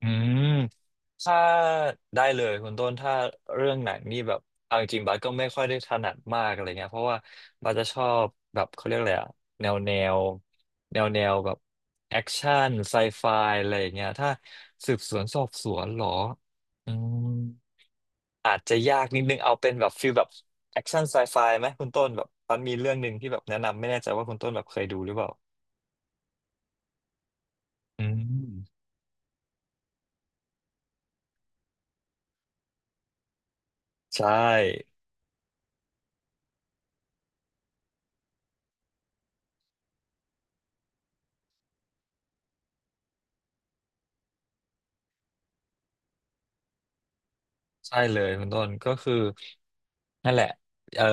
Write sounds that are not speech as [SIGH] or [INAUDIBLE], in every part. อืมถ้าได้เลยคุณต้นถ้าเรื่องหนังนี่แบบเอาจริงๆบัสก็ไม่ค่อยได้ถนัดมากอะไรเงี้ยเพราะว่าบัสจะชอบแบบเขาเรียกอะไรอะแนวแนวแนวแบบแอคชั่นไซไฟอะไรอย่างเงี้ยถ้าสืบสวนสอบสวนเหรออืมอาจจะยากนิดนึงเอาเป็นแบบฟิลแบบแอคชั่นไซไฟไหมคุณต้นแบบมันมีเรื่องหนึ่งที่แบบแนะนำไม่แน่ใจว่าคุณต้นแบบเคยดูหรือเปล่าอืมใช่ ใช่เลยคุณต้นก็คือนั่นแหละเออ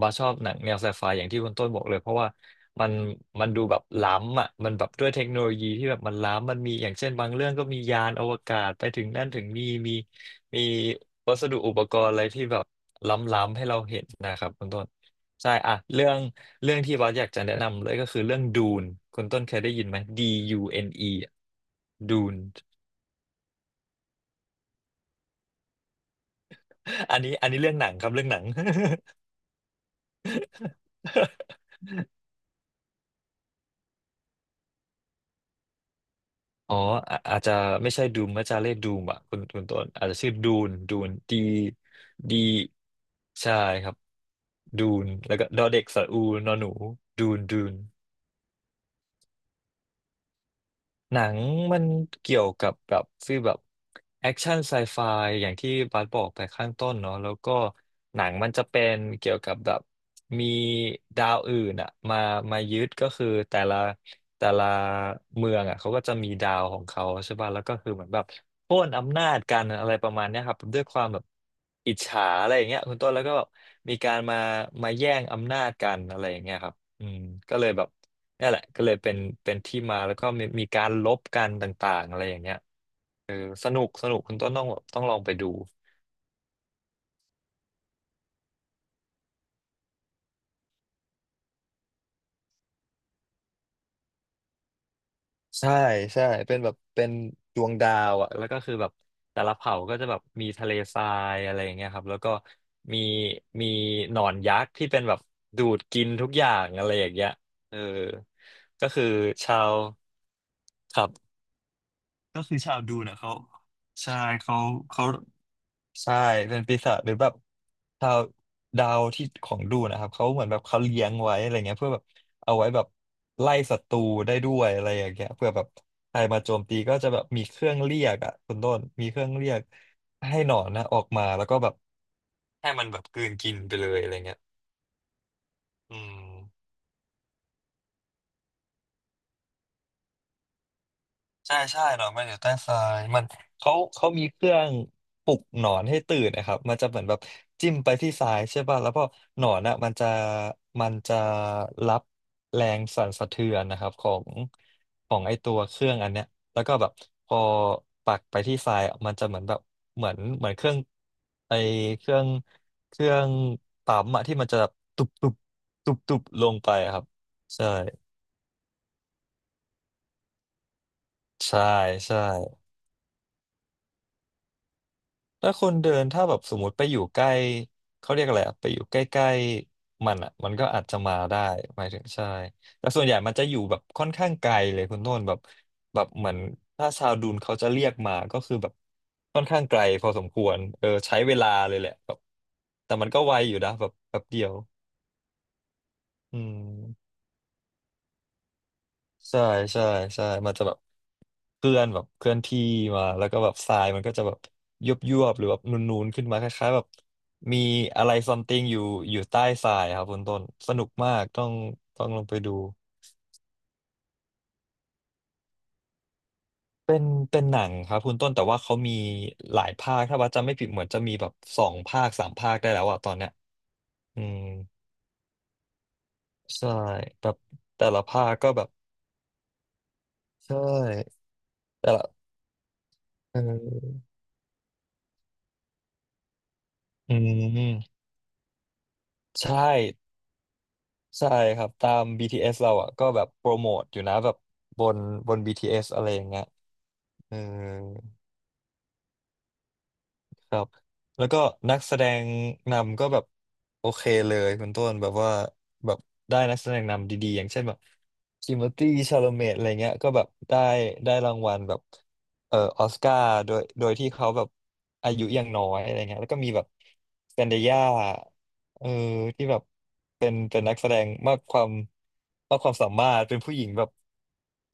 บาสชอบหนังแนวไซไฟอย่างที่คุณต้นบอกเลยเพราะว่ามันมันดูแบบล้ำอ่ะมันแบบด้วยเทคโนโลยีที่แบบมันล้ำมันมีอย่างเช่นบางเรื่องก็มียานอวกาศไปถึงนั่นถึงนี่มีมีวัสดุอุปกรณ์อะไรที่แบบล้ำๆให้เราเห็นนะครับคุณต้นใช่อ่ะเรื่องที่บาสอยากจะแนะนำเลยก็คือเรื่องดูนคุณต้นเคยได้ยินไหม Dune ดูน [LAUGHS] อันนี้เรื่องหนังครับเรื่องหนัง [LAUGHS] อ๋ออาจจะไม่ใช่ดูมอาจจะเรียกดูมอ่ะคุณต้นอาจจะชื่อดูนดีดีใช่ครับดูนแล้วก็ดอเด็กสระอูนอหนูดูนดูน หนังมันเกี่ยวกับแบบฟีลแบบแอคชั่นไซไฟอย่างที่บาสบอกไปข้างต้นเนาะแล้วก็หนังมันจะเป็นเกี่ยวกับแบบมีดาวอื่นอะมายึดก็คือแต่ละเมืองอะเขาก็จะมีดาวของเขาใช่ป่ะแล้วก็คือเหมือนแบบโค่นอำนาจกันอะไรประมาณเนี้ยครับด้วยความแบบอิจฉาอะไรอย่างเงี้ยคุณต้นแล้วก็แบบมีการมาแย่งอำนาจกันอะไรอย่างเงี้ยครับอืมก็เลยแบบ นี่แหละก็เลยเป็นที่มาแล้วก็มีการลบกันต่างๆอะไรอย่างเงี้ยเออสนุกสนุกคุณต้นต้องแบบต้องลองไปดูใช่ใช่เป็นแบบเป็นดวงดาวอ่ะแล้วก็คือแบบแต่ละเผ่าก็จะแบบมีทะเลทรายอะไรอย่างเงี้ยครับแล้วก็มีมีหนอนยักษ์ที่เป็นแบบดูดกินทุกอย่างอะไรอย่างเงี้ยเออก็คือชาวครับก็คือชาวดูนะเขาใช่เขาเขา ใช่เป็นปีศาจหรือแบบดาวดาวที่ของดูนะครับเขาเหมือนแบบเขาเลี้ยงไว้อะไรเงี้ยเพื่อแบบเอาไว้แบบไล่ศัตรูได้ด้วยอะไรอย่างเงี้ยเพื่อแบบใครมาโจมตีก็จะแบบมีเครื่องเรียกอ่ะคุณต้นมีเครื่องเรียกให้หนอนนะออกมาแล้วก็แบบให้มันแบบกลืนกินไปเลยอะไรเงี้ยอืม ใช่ใช่หนอนมันอยู่ใต้ทรายมันเขามีเครื่องปลุกหนอนให้ตื่นนะครับมันจะเหมือนแบบจิ้มไปที่ทรายใช่ป่ะแล้วพอหนอนอ่ะมันจะรับแรงสั่นสะเทือนนะครับของไอตัวเครื่องอันเนี้ยแล้วก็แบบพอปักไปที่ทรายอะมันจะเหมือนแบบเหมือนเครื่องไอเครื่องเครื่องปั๊มอะที่มันจะแบบตุบตุบตุบตุบลงไปอะครับใช่ใช่ใช่ แล้วคนเดินถ้าแบบสมมติไปอยู่ใกล้เขาเรียกอะไรอะไปอยู่ใกล้ๆมันอ่ะมันก็อาจจะมาได้หมายถึงใช่แต่ส่วนใหญ่มันจะอยู่แบบค่อนข้างไกลเลยคุณโน่นแบบแบบเหมือนถ้าชาวดูนเขาจะเรียกมาก็คือแบบค่อนข้างไกลพอสมควรเออใช้เวลาเลยแหละแบบแต่มันก็ไวอยู่นะแบบแป๊บเดียวอืม ใช่ใช่ใช่ มันจะแบบเคลื่อนแบบเคลื่อนที่มาแล้วก็แบบทรายมันก็จะแบบยุบยุบหรือแบบนูนๆขึ้นมาคล้ายๆแบบมีอะไรซัมติงอยู่อยู่ใต้ทรายครับคุณต้นสนุกมากต้องลองไปดูเป็นเป็นหนังครับคุณต้นแต่ว่าเขามีหลายภาคถ้าว่าจำไม่ผิดเหมือนจะมีแบบ2 ภาค 3 ภาคได้แล้วอะตอนเนี้ยอืมใช่แบบแต่ละภาคก็แบบใช่แต่ละเอออืมใช่ ใช่ครับตาม BTS เอสเราอ่ะก็แบบโปรโมทอยู่นะแบบบนบน BTS อสอะไรอย่างเงี้ยเออ ครับแล้วก็นักแสดงนำก็แบบโอเคเลยคุณต้นแบบว่าแบบได้นักแสดงนำดีๆอย่างเช่นแบบทิโมธีชาโลเมตอะไรเงี้ยก็แบบได้รางวัลแบบออสการ์โดยที่เขาแบบอายุยังน้อยอะไรเงี้ยแล้วก็มีแบบแซนเดียาเออที่แบบเป็นนักแสดงมากความมากความสามารถเป็นผู้หญิงแบบ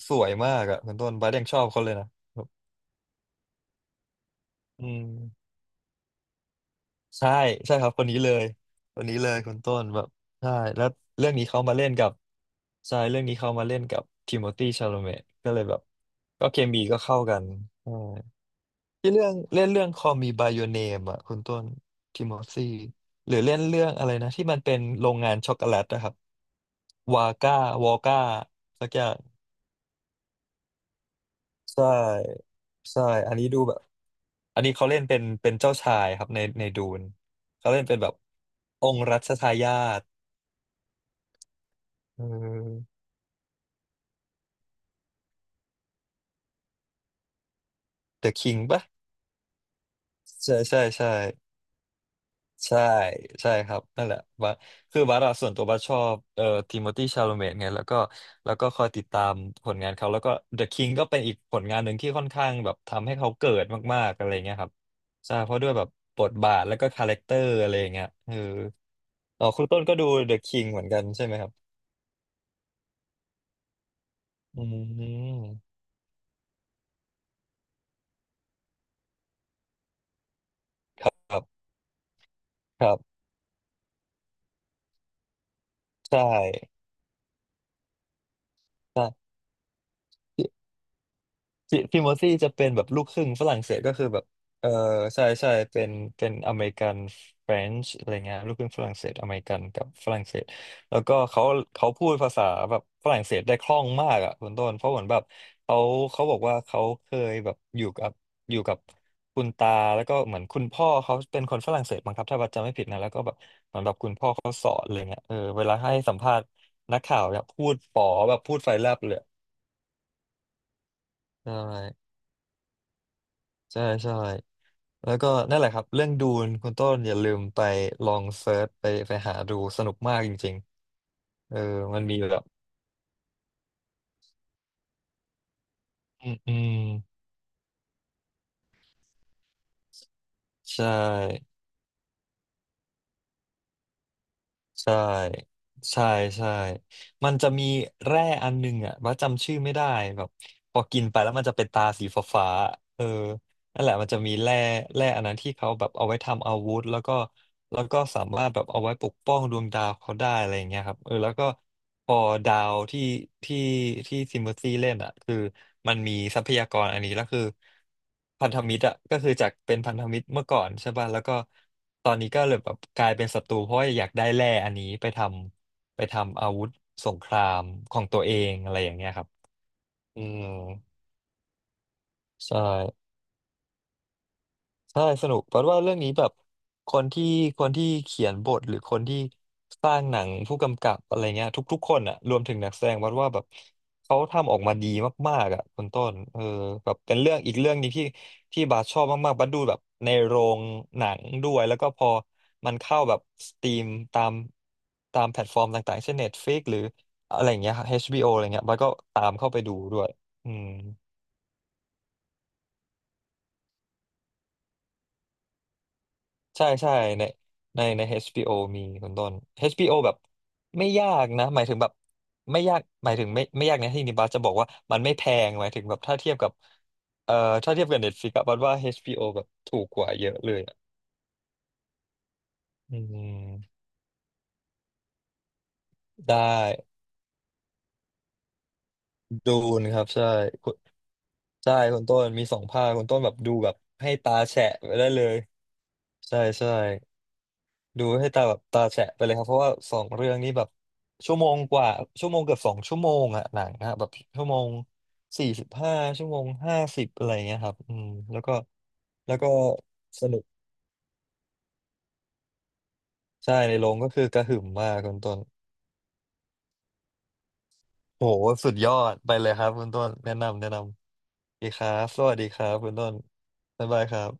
สวยมากอะคุณต้นบาสยังชอบเขาเลยนะอืม ใช่ใช่ครับคนนี้เลยคนนี้เลยคุณต้นแบบใช่แล้วเรื่องนี้เขามาเล่นกับใช่เรื่องนี้เขามาเล่นกับทิโมธีชาโลเมตก็เลยแบบก็เคมีก็เข้ากันใช่ที่เรื่องเล่นเรื่อง Call Me by Your Name อ่ะคุณต้นทิโมธีหรือเล่นเรื่องอะไรนะที่มันเป็นโรงงานช็อกโกแลตนะครับวาก้าวอก้าสักอย่าง ใช่ใช่ อันนี้ดูแบบอันนี้เขาเล่นเป็นเจ้าชายครับในดูนเขาเล่นเป็นแบบองค์รัชทายาทเออ The King ป่ปะใช่ใช่ใช่ ใช่ใช่ครับนั่นแหละบัสคือบัสอะส่วนตัวบัสชอบทิโมธีชาโลเมตไงแล้วก็แล้วก็คอยติดตามผลงานเขาแล้วก็ The King ก็เป็นอีกผลงานหนึ่งที่ค่อนข้างแบบทำให้เขาเกิดมากๆอะไรเงี้ยครับใช่เพราะด้วยแบบบทบาทแล้วก็คาแรคเตอร์อะไรอย่างเงี้ยเอออ๋อคุณต้นก็ดู The King เหมือนกันใช่ไหมครับอืมครับครับใช่ใช่ พี่โมซี่จะเป็นแบบลูกครึ่งฝรั่งเศสก็คือแบบเออใช่ใช่เป็นเป็นอเมริกันเฟรนช์อะไรเงี้ยลูกครึ่งฝรั่งเศสอเมริกันกับฝรั่งเศสแล้วก็เขาพูดภาษาแบบฝรั่งเศสได้คล่องมากอ่ะคุณต้นเพราะเหมือนแบบเขาเขาบอกว่าเขาเคยแบบอยู่กับคุณตาแล้วก็เหมือนคุณพ่อเขาเป็นคนฝรั่งเศสมั้งครับถ้าว่าจำไม่ผิดนะแล้วก็แบบเหมือนแบบคุณพ่อเขาสอนอะไรเงี้ยเออเวลาให้สัมภาษณ์นักข่าวเนี่ยพูดป๋อแบบพูดไฟแลบเลยใช่ใช่ใช่ แล้วก็นั่นแหละครับเรื่องดูนคุณต้นอย่าลืมไปลองเซิร์ชไปหาดูสนุกมากจริงๆเออมันมีแบบอืมอืมใช่ใช่ใช่ใช่มันจะมีแร่อันหนึงอ่ะว่าจำชื่อไม่ได้แบบพอกินไปแล้วมันจะเป็นตาสีฟ้าๆเออ นั่นแหละมันจะมีแร่อันนั้นที่เขาแบบเอาไว้ทำอาวุธแล้วก็แล้วก็สามารถแบบเอาไว้ปกป้องดวงดาวเขาได้อะไรอย่างเงี้ยครับเออแล้วก็พอดาวที่ที่ซิมเบอร์ซี่เล่นอ่ะคือมันมีทรัพยากรอันนี้แล้วคือพันธมิตรอ่ะก็คือจากเป็นพันธมิตรเมื่อก่อนใช่ป่ะแล้วก็ตอนนี้ก็เลยแบบกลายเป็นศัตรูเพราะว่าอยากได้แร่อันนี้ไปทำอาวุธสงครามของตัวเองอะไรอย่างเงี้ยครับอืมใช่ ใช่สนุกเพราะว่าเรื่องนี้แบบคนที่คนที่เขียนบทหรือคนที่สร้างหนังผู้กำกับอะไรเงี้ยทุกๆคนอะรวมถึงนักแสดงวัดว่าแบบเขาทำออกมาดีมากๆอะคุณต้นเออแบบเป็นเรื่องอีกเรื่องนี้ที่ที่บาสชอบมากๆบัสดูแบบในโรงหนังด้วยแล้วก็พอมันเข้าแบบสตรีมตามตามแพลตฟอร์มต่างๆเช่น Netflix หรืออะไรเงี้ย HBO อชบีโออะไรเงี้ยบัสก็ตามเข้าไปดูด้วยอืม ใช่ใช่ในในใน HBO มีคุณต้น HBO แบบไม่ยากนะหมายถึงแบบไม่ยากหมายถึงไม่ยากนะที่นิบาสจะบอกว่ามันไม่แพงหมายถึงแบบถ้าเทียบกับเอ่อถ้าเทียบกับ Netflix อะบัดว่า HBO แบบถูกกว่าเยอะเลยอะอืมได้ดูนะครับใช่คุณใช่คุณต้นมี2 ภาคคุณต้นแบบดูแบบให้ตาแฉะไปได้เลยใช่ใช่ ดูให้ตาแบบตาแฉะไปเลยครับเพราะว่าสองเรื่องนี้แบบชั่วโมงกว่าชั่วโมงเกือบ2 ชั่วโมงอะหนังนะแบบชั่วโมง45ชั่วโมง50อะไรเงี้ยครับอืมแล้วก็แล้วก็สนุกใช่ในโรงก็คือกระหึ่มมากคุณต้นโหสุดยอดไปเลยครับคุณต้นแนะนำแนะนำดีครับสวัสดีครับคุณต้นบ๊ายบายครับ